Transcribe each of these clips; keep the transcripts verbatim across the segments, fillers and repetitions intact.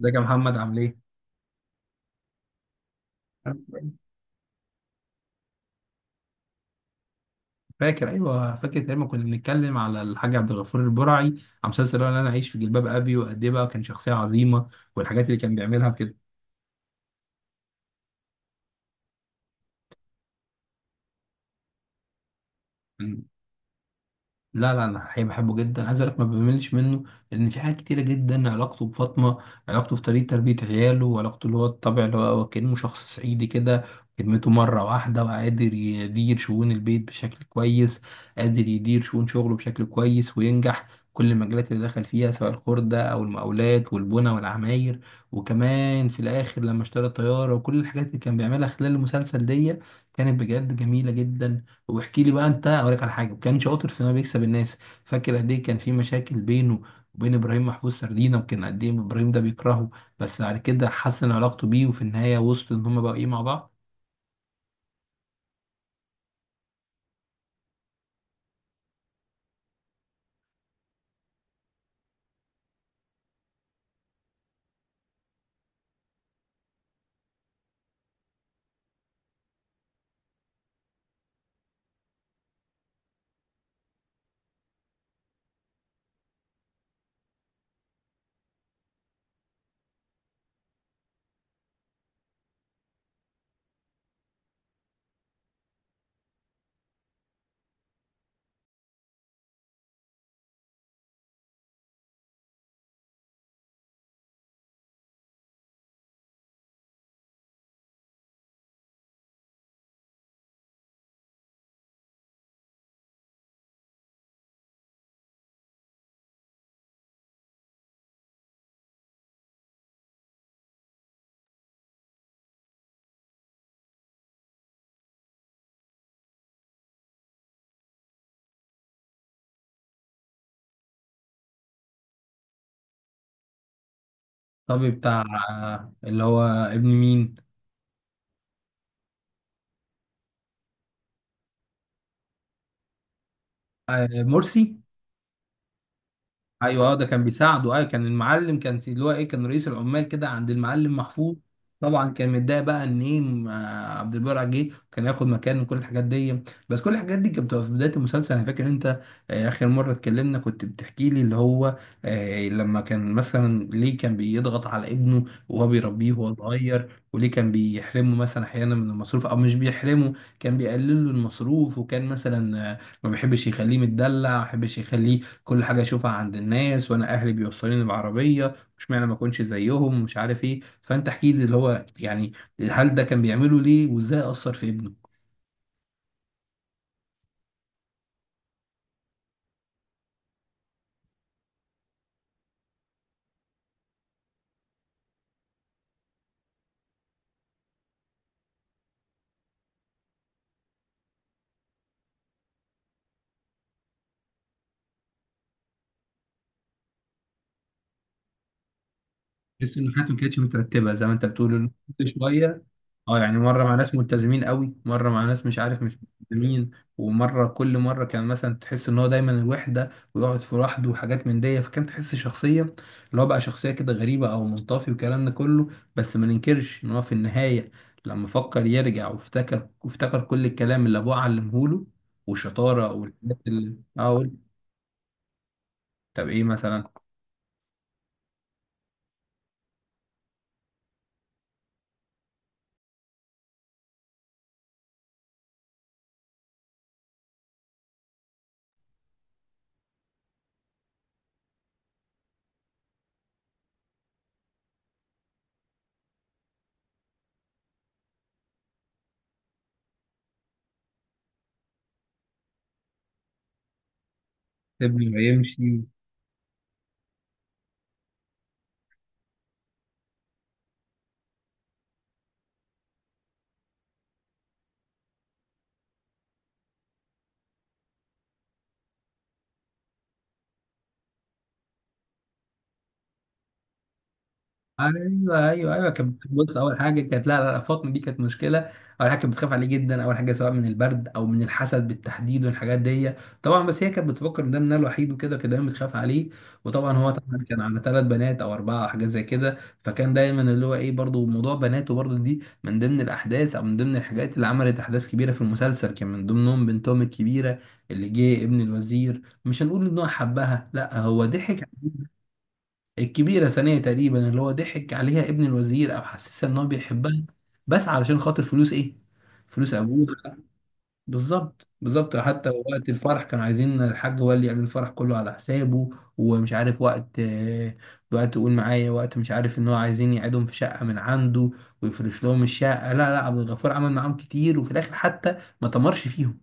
ازيك يا محمد، عامل ايه؟ فاكر. ايوه فاكر لما كنا بنتكلم على الحاج عبد الغفور البرعي، على مسلسل اللي انا عايش في جلباب ابي. وقد ايه بقى كان شخصيه عظيمه، والحاجات اللي كان بيعملها وكده. لا لا، انا حقيقي بحبه جدا. عايز اقول لك ما بملش منه، لان في حاجات كتيره جدا. علاقته بفاطمه، علاقته في طريقه تربيه عياله، وعلاقته اللي هو الطبع اللي هو هو كانه شخص صعيدي كده. كلمته مره واحده، وقادر يدير شؤون البيت بشكل كويس، قادر يدير شؤون شغله بشكل كويس وينجح. كل المجالات اللي دخل فيها سواء الخردة أو المقاولات والبنى والعماير. وكمان في الآخر لما اشترى الطيارة وكل الحاجات اللي كان بيعملها خلال المسلسل دي، كانت بجد جميلة جدا. واحكي لي بقى انت. اقول لك على حاجه: كان شاطر في انه بيكسب الناس. فاكر قد ايه كان في مشاكل بينه وبين ابراهيم محفوظ سردينه، وكان قد ايه ابراهيم ده بيكرهه. بس بعد كده حسن علاقته بيه، وفي النهايه وصلوا ان هم بقوا ايه مع بعض. طبيب بتاع. آه، اللي هو ابن مين. آه، مرسي. ايوه، اه ده كان بيساعده. ايوه، كان المعلم، كان اللي هو ايه، كان رئيس العمال كده عند المعلم محفوظ. طبعا كان متضايق بقى ان ايه، م- آه، عبد البر جه كان ياخد مكان وكل الحاجات دي. بس كل الحاجات دي كانت بتبقى في بدايه المسلسل. انا فاكر انت آه، اخر مره اتكلمنا كنت بتحكي لي اللي هو، آه، لما كان مثلا ليه كان بيضغط على ابنه وهو بيربيه وهو صغير، وليه كان بيحرمه مثلا احيانا من المصروف او مش بيحرمه، كان بيقلل له المصروف. وكان مثلا، آه، ما بيحبش يخليه متدلع، ما بيحبش يخليه كل حاجه اشوفها عند الناس. وانا اهلي بيوصلوني بعربيه، مش معنى ما اكونش زيهم، مش عارف ايه. فانت احكي لي اللي هو يعني، هل ده كان بيعمله ليه، وازاي اثر في ابنه؟ تحس ان حياتهم ما كانتش مترتبه زي ما انت بتقول، إن كل شويه. اه يعني مره مع ناس ملتزمين قوي، مره مع ناس مش عارف، مش ملتزمين. ومره كل مره كان مثلا تحس ان هو دايما الوحده، ويقعد في لوحده وحاجات من دي. فكان تحس شخصيه اللي هو بقى شخصيه كده غريبه او منطفي، والكلام ده كله. بس ما ننكرش ان هو في النهايه لما فكر يرجع، وافتكر وافتكر كل الكلام اللي ابوه علمه له، والشطاره والحاجات اللي اه قول،. طب ايه مثلا؟ سيبني ويمشي. ايوه ايوه ايوه. كان كان بص، اول حاجه كانت لا لا لا، فاطمه دي كانت مشكله. اول حاجه كانت بتخاف عليه جدا، اول حاجه سواء من البرد او من الحسد بالتحديد والحاجات دي. طبعا بس هي كانت بتفكر ان ده منها الوحيد وكده، كان دايما بتخاف عليه. وطبعا هو مم. طبعا كان على ثلاث بنات او اربعه حاجات زي كده. فكان دايما اللي هو ايه، برضه موضوع بناته برضه دي من ضمن الاحداث، او من ضمن الحاجات اللي عملت احداث كبيره في المسلسل، كان من ضمنهم بنتهم الكبيره اللي جه ابن الوزير. مش هنقول ان هو حبها، لا هو ضحك. الكبيرة ثانية تقريبا، اللي هو ضحك عليها ابن الوزير، أو حسسها إن هو بيحبها بس علشان خاطر فلوس. إيه؟ فلوس أبوه. بالظبط بالظبط. حتى وقت الفرح كانوا عايزين الحاج هو اللي يعمل الفرح كله على حسابه. ومش عارف وقت، آه، وقت يقول معايا، وقت مش عارف، إن هو عايزين يقعدهم في شقة من عنده ويفرش لهم الشقة. لا لا، عبد الغفور عمل معاهم كتير، وفي الآخر حتى ما تمرش فيهم.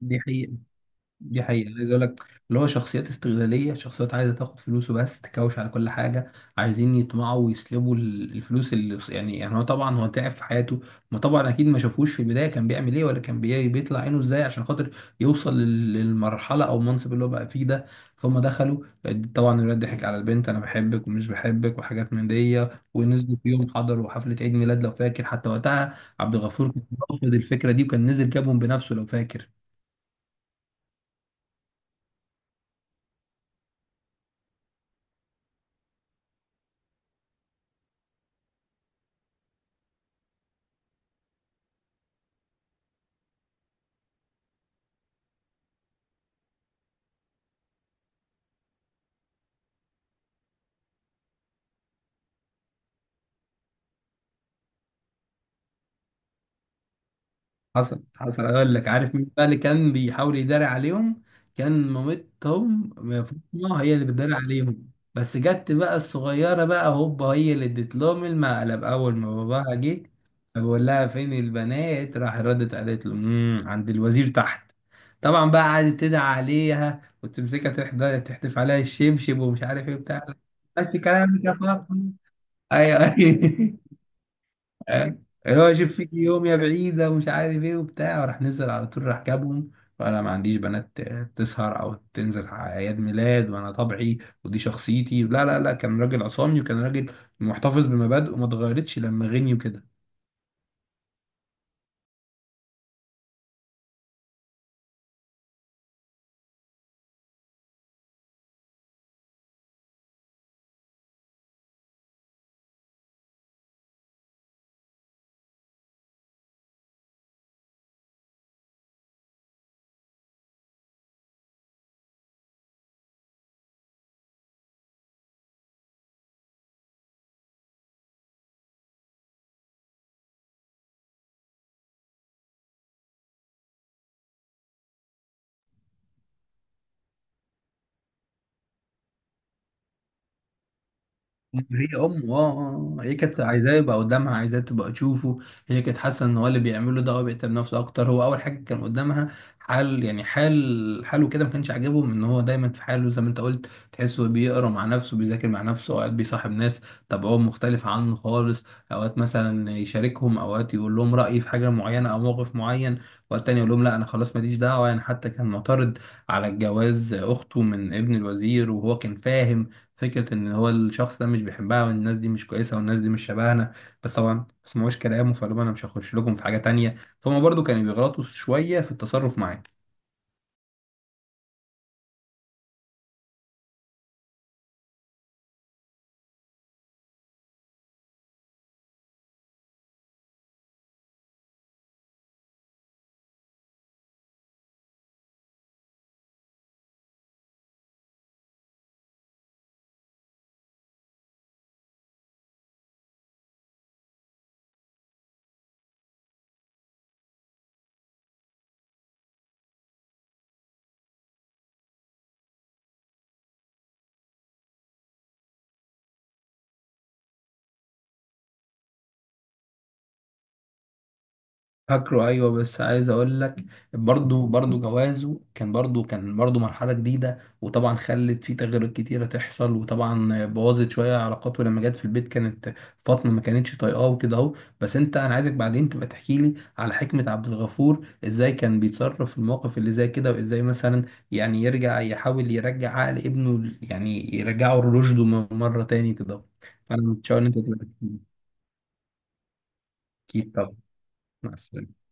دي حقيقة. دي حقيقة، عايز اقول لك اللي هو شخصيات استغلالية، شخصيات عايزة تاخد فلوسه بس، تكوش على كل حاجة. عايزين يطمعوا ويسلبوا ال- الفلوس اللي، يعني يعني هو طبعا هو تعب في حياته. ما طبعا اكيد ما شافوش في البداية كان بيعمل ايه، ولا كان بي- بيطلع عينه ازاي عشان خاطر يوصل لل- للمرحلة او المنصب اللي هو بقى فيه ده. فهم دخلوا طبعا. الولاد ضحك على البنت، انا بحبك ومش بحبك وحاجات من دي. ونزلوا في يوم، حضروا حفلة عيد ميلاد لو فاكر. حتى وقتها عبد الغفور كان رافض الفكرة دي، وكان نزل جابهم بنفسه لو فاكر. حصل حصل. اقول لك عارف مين بقى اللي كان بيحاول يداري عليهم؟ كان مامتهم. فاطمه هي اللي بتداري عليهم. بس جت بقى الصغيره بقى هوبا، هي اللي اديت لهم المقلب اول ما باباها جه. بقول لها فين البنات، راح ردت قالت له امم عند الوزير تحت. طبعا بقى قعدت تدعي عليها وتمسكها، تحض- تحدف عليها الشبشب، ومش عارف ايه بتاع. ماشي كلامك يا فاطمه. ايوه فاهم؟ اللي هو شوف فيك يوم يا بعيدة ومش عارف ايه وبتاع، وراح نزل على طول، راح جابهم. وانا ما عنديش بنات تسهر او تنزل على اعياد ميلاد، وانا طبعي ودي شخصيتي، لا لا لا، كان راجل عصامي، وكان راجل محتفظ بمبادئه وما اتغيرتش لما غني وكده. هي امه. اه آه، آه. هي كانت عايزاه يبقى قدامها، عايزاه تبقى تشوفه. هي كانت حاسه ان هو اللي بيعمله ده هو بيهتم بنفسه اكتر، هو اول حاجه كان قدامها. حال يعني حال حاله كده، ما كانش عاجبهم ان هو دايما في حاله زي ما انت قلت. تحسه بيقرا مع نفسه، بيذاكر مع نفسه، اوقات بيصاحب ناس طبعهم مختلف عنه خالص. اوقات مثلا يشاركهم، اوقات يقول لهم رايه في حاجه معينه او موقف معين، اوقات تاني يقول لهم لا انا خلاص ماليش دعوه يعني. حتى كان معترض على الجواز اخته من ابن الوزير، وهو كان فاهم فكرة إن هو الشخص ده مش بيحبها، والناس دي مش كويسة، والناس دي مش شبهنا. بس طبعا ما سمعوش كلامه، فقالوا له أنا مش هخش لكم في حاجة تانية. فهم برضو كانوا بيغلطوا شوية في التصرف معاه. فاكره ايوه، بس عايز اقول لك، برضه برضه جوازه كان برضه كان برضه مرحله جديده، وطبعا خلت فيه تغيرات كتيره تحصل، وطبعا بوظت شويه علاقاته. لما جت في البيت، كانت فاطمه ما كانتش طايقاه وكده اهو. بس انت، انا عايزك بعدين تبقى تحكي لي على حكمه عبد الغفور ازاي كان بيتصرف في المواقف اللي زي كده، وازاي مثلا يعني يرجع، يحاول يرجع عقل ابنه يعني يرجعه لرشده مره تاني كده اهو. فانا متشوق ان انت تبقى تحكي لي. اكيد طبعا. مع السلامه.